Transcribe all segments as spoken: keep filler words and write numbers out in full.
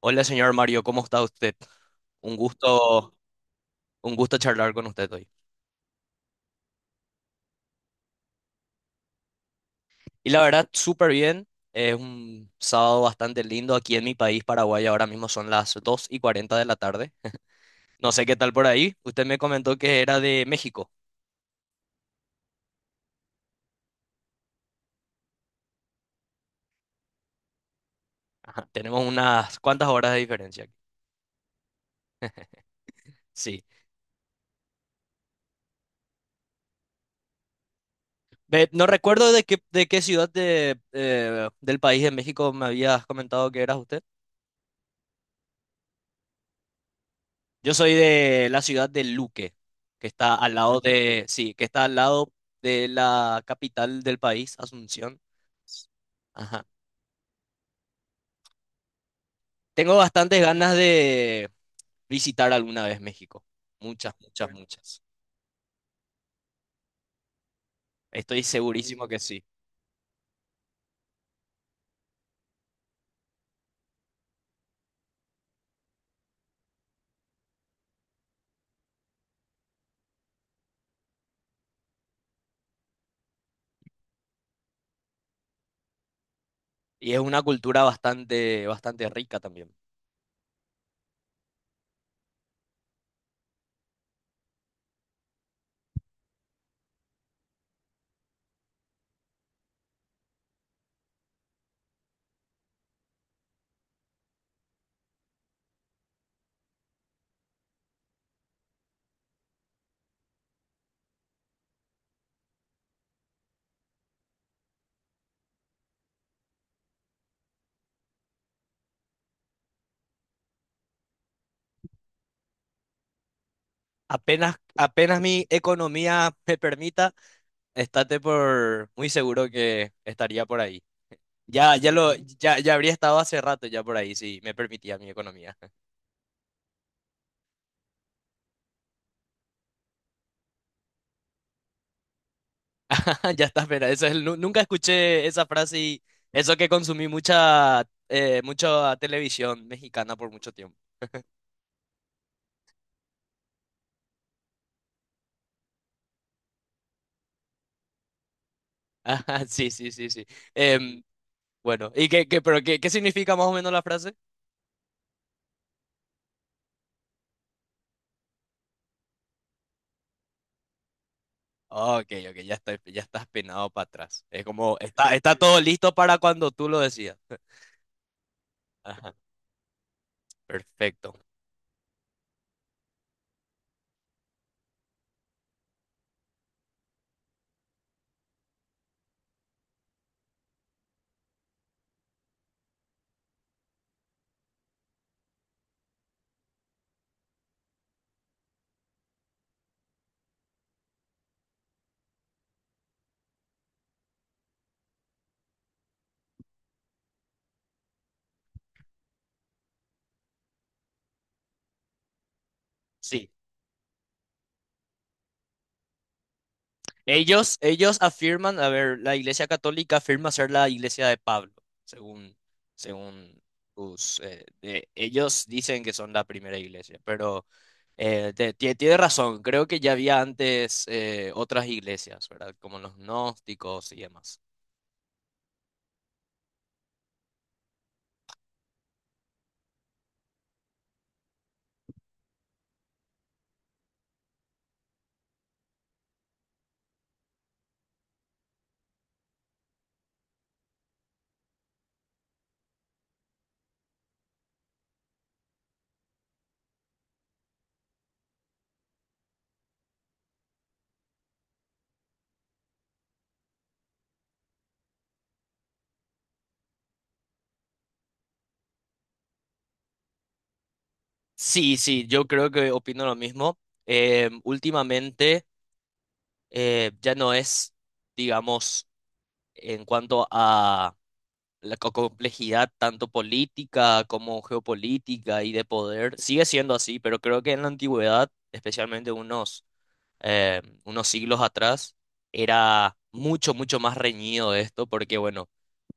Hola, señor Mario, ¿cómo está usted? Un gusto. Un gusto charlar con usted hoy. Y la verdad, súper bien. Es un sábado bastante lindo aquí en mi país, Paraguay. Ahora mismo son las dos y cuarenta de la tarde. No sé qué tal por ahí. Usted me comentó que era de México. Ajá, tenemos unas cuantas horas de diferencia aquí. Sí. Ve, no recuerdo de qué, de qué ciudad de, eh, del país de México me habías comentado que eras usted. Yo soy de la ciudad de Luque, que está al lado de, sí, que está al lado de la capital del país, Asunción. Ajá. Tengo bastantes ganas de visitar alguna vez México. Muchas, muchas, muchas. Estoy segurísimo que sí. Y es una cultura bastante, bastante rica también. Apenas, apenas mi economía me permita, estate por muy seguro que estaría por ahí. Ya, ya lo, ya, ya habría estado hace rato ya por ahí, si me permitía mi economía. Ya está, espera, eso es, el- nu- nunca escuché esa frase y eso que consumí mucha, eh, mucha televisión mexicana por mucho tiempo. Ajá, sí, sí, sí, sí. Em, bueno, ¿y qué, qué- pero qué, qué significa más o menos la frase? Ah, ok, ok, ya está, ya estás penado para atrás. Es como, está, está todo listo para cuando tú lo decidas. Ajá, perfecto. Sí. Ellos, ellos afirman, a ver, la Iglesia Católica afirma ser la Iglesia de Pablo, según, según sus, eh, de- ellos dicen que son la primera iglesia, pero eh, te- tie- tiene razón, creo que ya había antes eh, otras iglesias, ¿verdad? Como los gnósticos y demás. Sí, sí, yo creo que opino lo mismo. Em, últimamente eh, ya no es, digamos, en cuanto a la co- complejidad tanto política como geopolítica y de poder sigue siendo así, pero creo que en la antigüedad, especialmente unos, eh, unos siglos atrás, era mucho, mucho más reñido esto, porque bueno,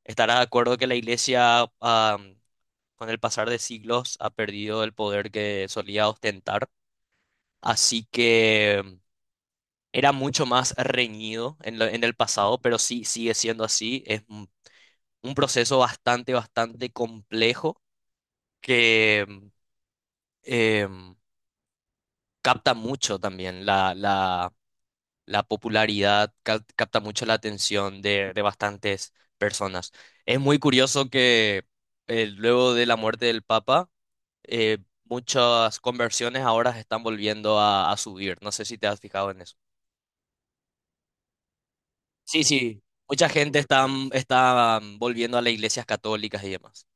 estará de acuerdo que la iglesia, ah, con el pasar de siglos ha perdido el poder que solía ostentar, así que, mm, era mucho más reñido en, lo- en el pasado, pero sí sigue siendo así. Es un un proceso bastante, bastante complejo que eh, capta mucho también la, la- la popularidad, cap- capta mucho la atención de, de bastantes personas. Es muy curioso que eh, luego de la muerte del Papa, eh, muchas conversiones ahora están volviendo a, a subir. No sé si te has fijado en eso. Sí, sí. Mucha gente está, está volviendo a las iglesias católicas y demás.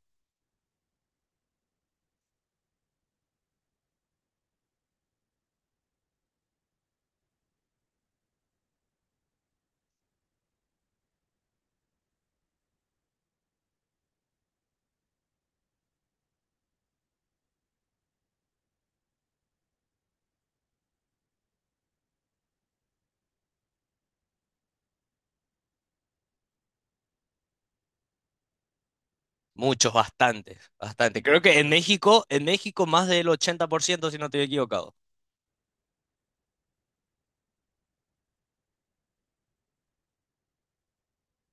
Muchos, bastantes, bastante. Creo que en México, en México más del ochenta por ciento si no estoy equivocado.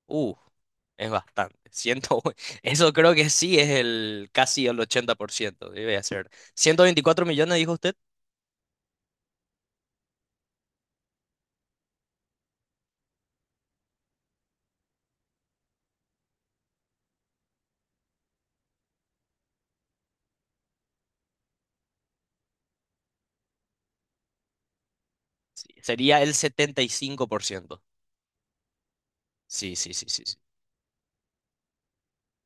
Uh. Es bastante. Ciento- uno. Eso creo que sí es el casi el ochenta por ciento debe ser. Ciento veinticuatro millones, dijo usted. Sí, sería el setenta y cinco por ciento. Sí, sí, sí, sí, sí.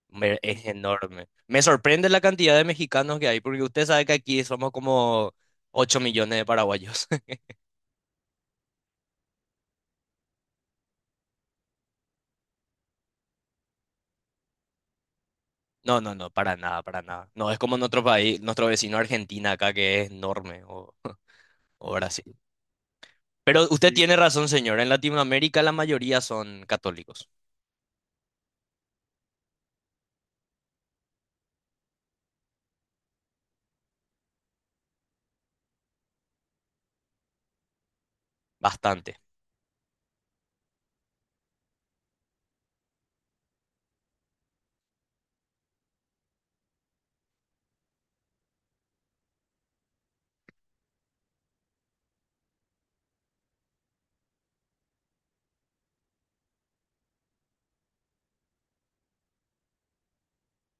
Me- es enorme. Me sorprende la cantidad de mexicanos que hay, porque usted sabe que aquí somos como ocho millones de paraguayos. No, no, no, para nada, para nada. No, es como en otro país, nuestro vecino Argentina acá, que es enorme, o, o Brasil. Pero usted, sí, tiene razón, señor. En Latinoamérica la mayoría son católicos. Bastante.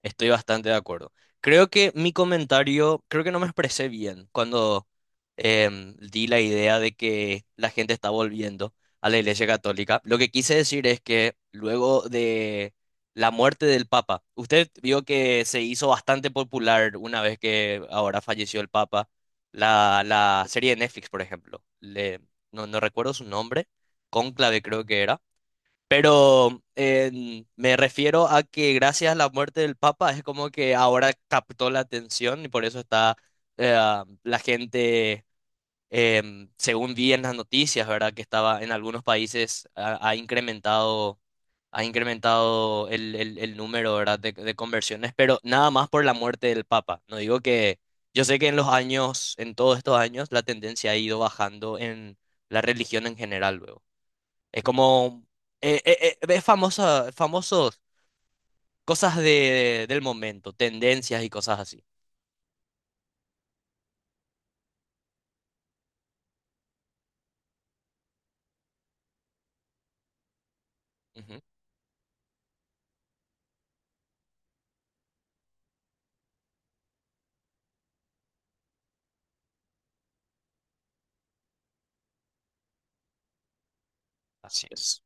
Estoy bastante de acuerdo. Creo que mi comentario, creo que no me expresé bien cuando em, di la idea de que la gente está volviendo a la Iglesia Católica. Lo que quise decir es que luego de la muerte del Papa, usted vio que se hizo bastante popular una vez que ahora falleció el Papa, la, la serie de Netflix, por ejemplo. Le- no, no recuerdo su nombre, Cónclave creo que era, pero en- me refiero a que gracias a la muerte del Papa es como que ahora captó la atención y por eso está eh, la gente, em, según vi en las noticias, ¿verdad? Que estaba en algunos países ha, ha incrementado, ha incrementado el, el- el número, ¿verdad? De, de conversiones, pero nada más por la muerte del Papa. No digo que yo sé que en los años, en todos estos años, la tendencia ha ido bajando en la religión en general, luego. Es como, eh, eh, eh, es famosa, famosos cosas de, del momento, tendencias y cosas así. Ujú. Así es.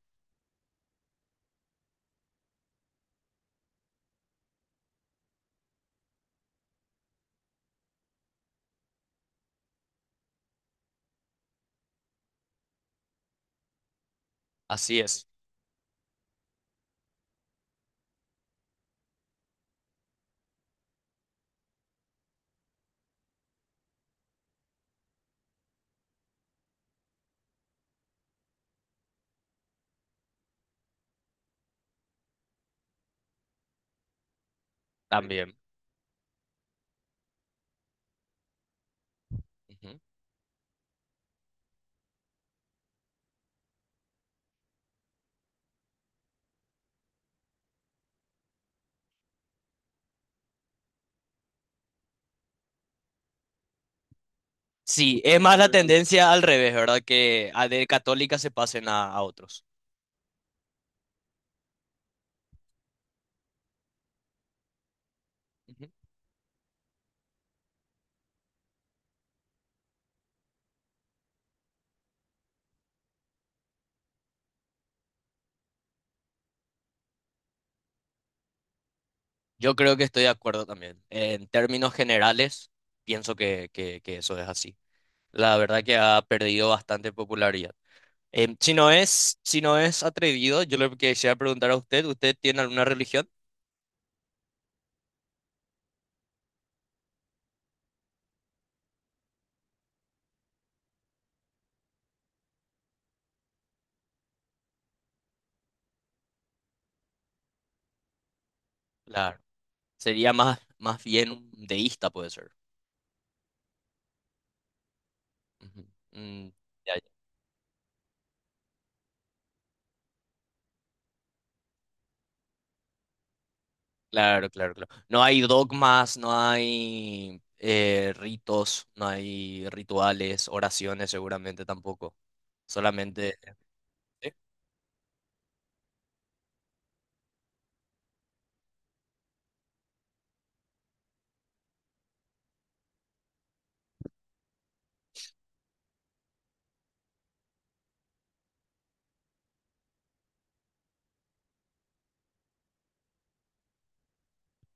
Así es, también. Ujú. Sí, es más la tendencia al revés, ¿verdad? Que a de católica se pasen a, a otros. Ujú. Yo creo que estoy de acuerdo también. En términos generales, pienso que, que- que eso es así. La verdad que ha perdido bastante popularidad. Em, si no es, si no es atrevido, yo le quisiera preguntar a usted, ¿usted tiene alguna religión? Claro. Sería más, más bien un deísta, puede ser. Ujú. Mm, ya, ya. Claro, claro, claro. No hay dogmas, no hay eh, ritos, no hay rituales, oraciones seguramente tampoco. Solamente. ¿Sí?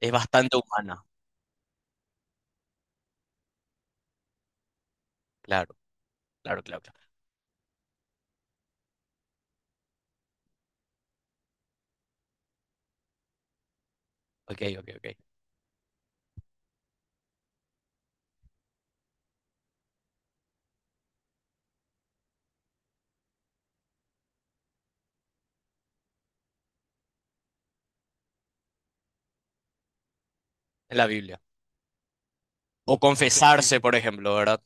Es bastante humana. Claro, claro, claro, claro. Ok, ok, ok. En la Biblia. O confesarse, por ejemplo, ¿verdad?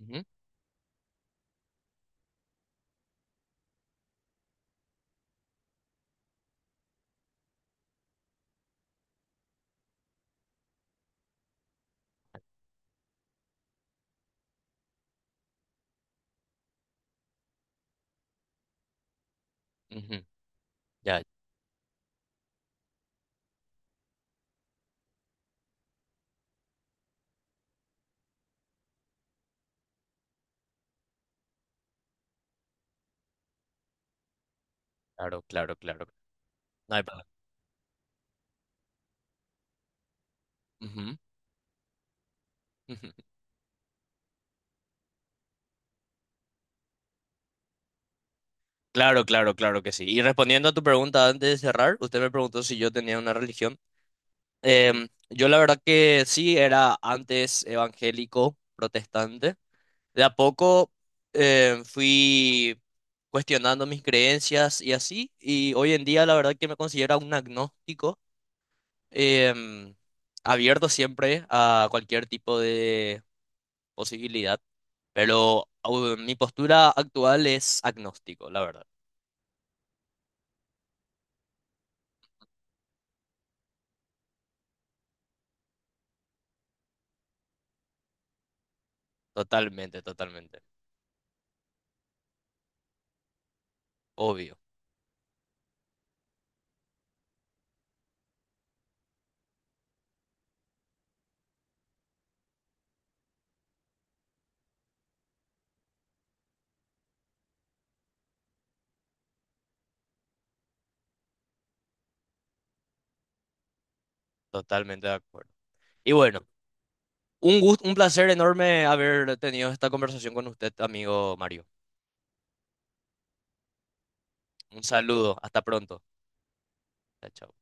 Ujú, ujú. Ya, claro, claro, claro. No hay problema. Ujú, ujú. Claro, claro, claro que sí. Y respondiendo a tu pregunta antes de cerrar, usted me preguntó si yo tenía una religión. Em, yo la verdad que sí, era antes evangélico, protestante. De a poco em, fui cuestionando mis creencias y así, y hoy en día la verdad que me considero un agnóstico, em, abierto siempre a cualquier tipo de posibilidad, pero au- mi postura actual es agnóstico, la verdad. Totalmente, totalmente. Obvio, totalmente de acuerdo. Y bueno. Un gusto, un placer enorme haber tenido esta conversación con usted, amigo Mario. Un saludo, hasta pronto. Chao, chao.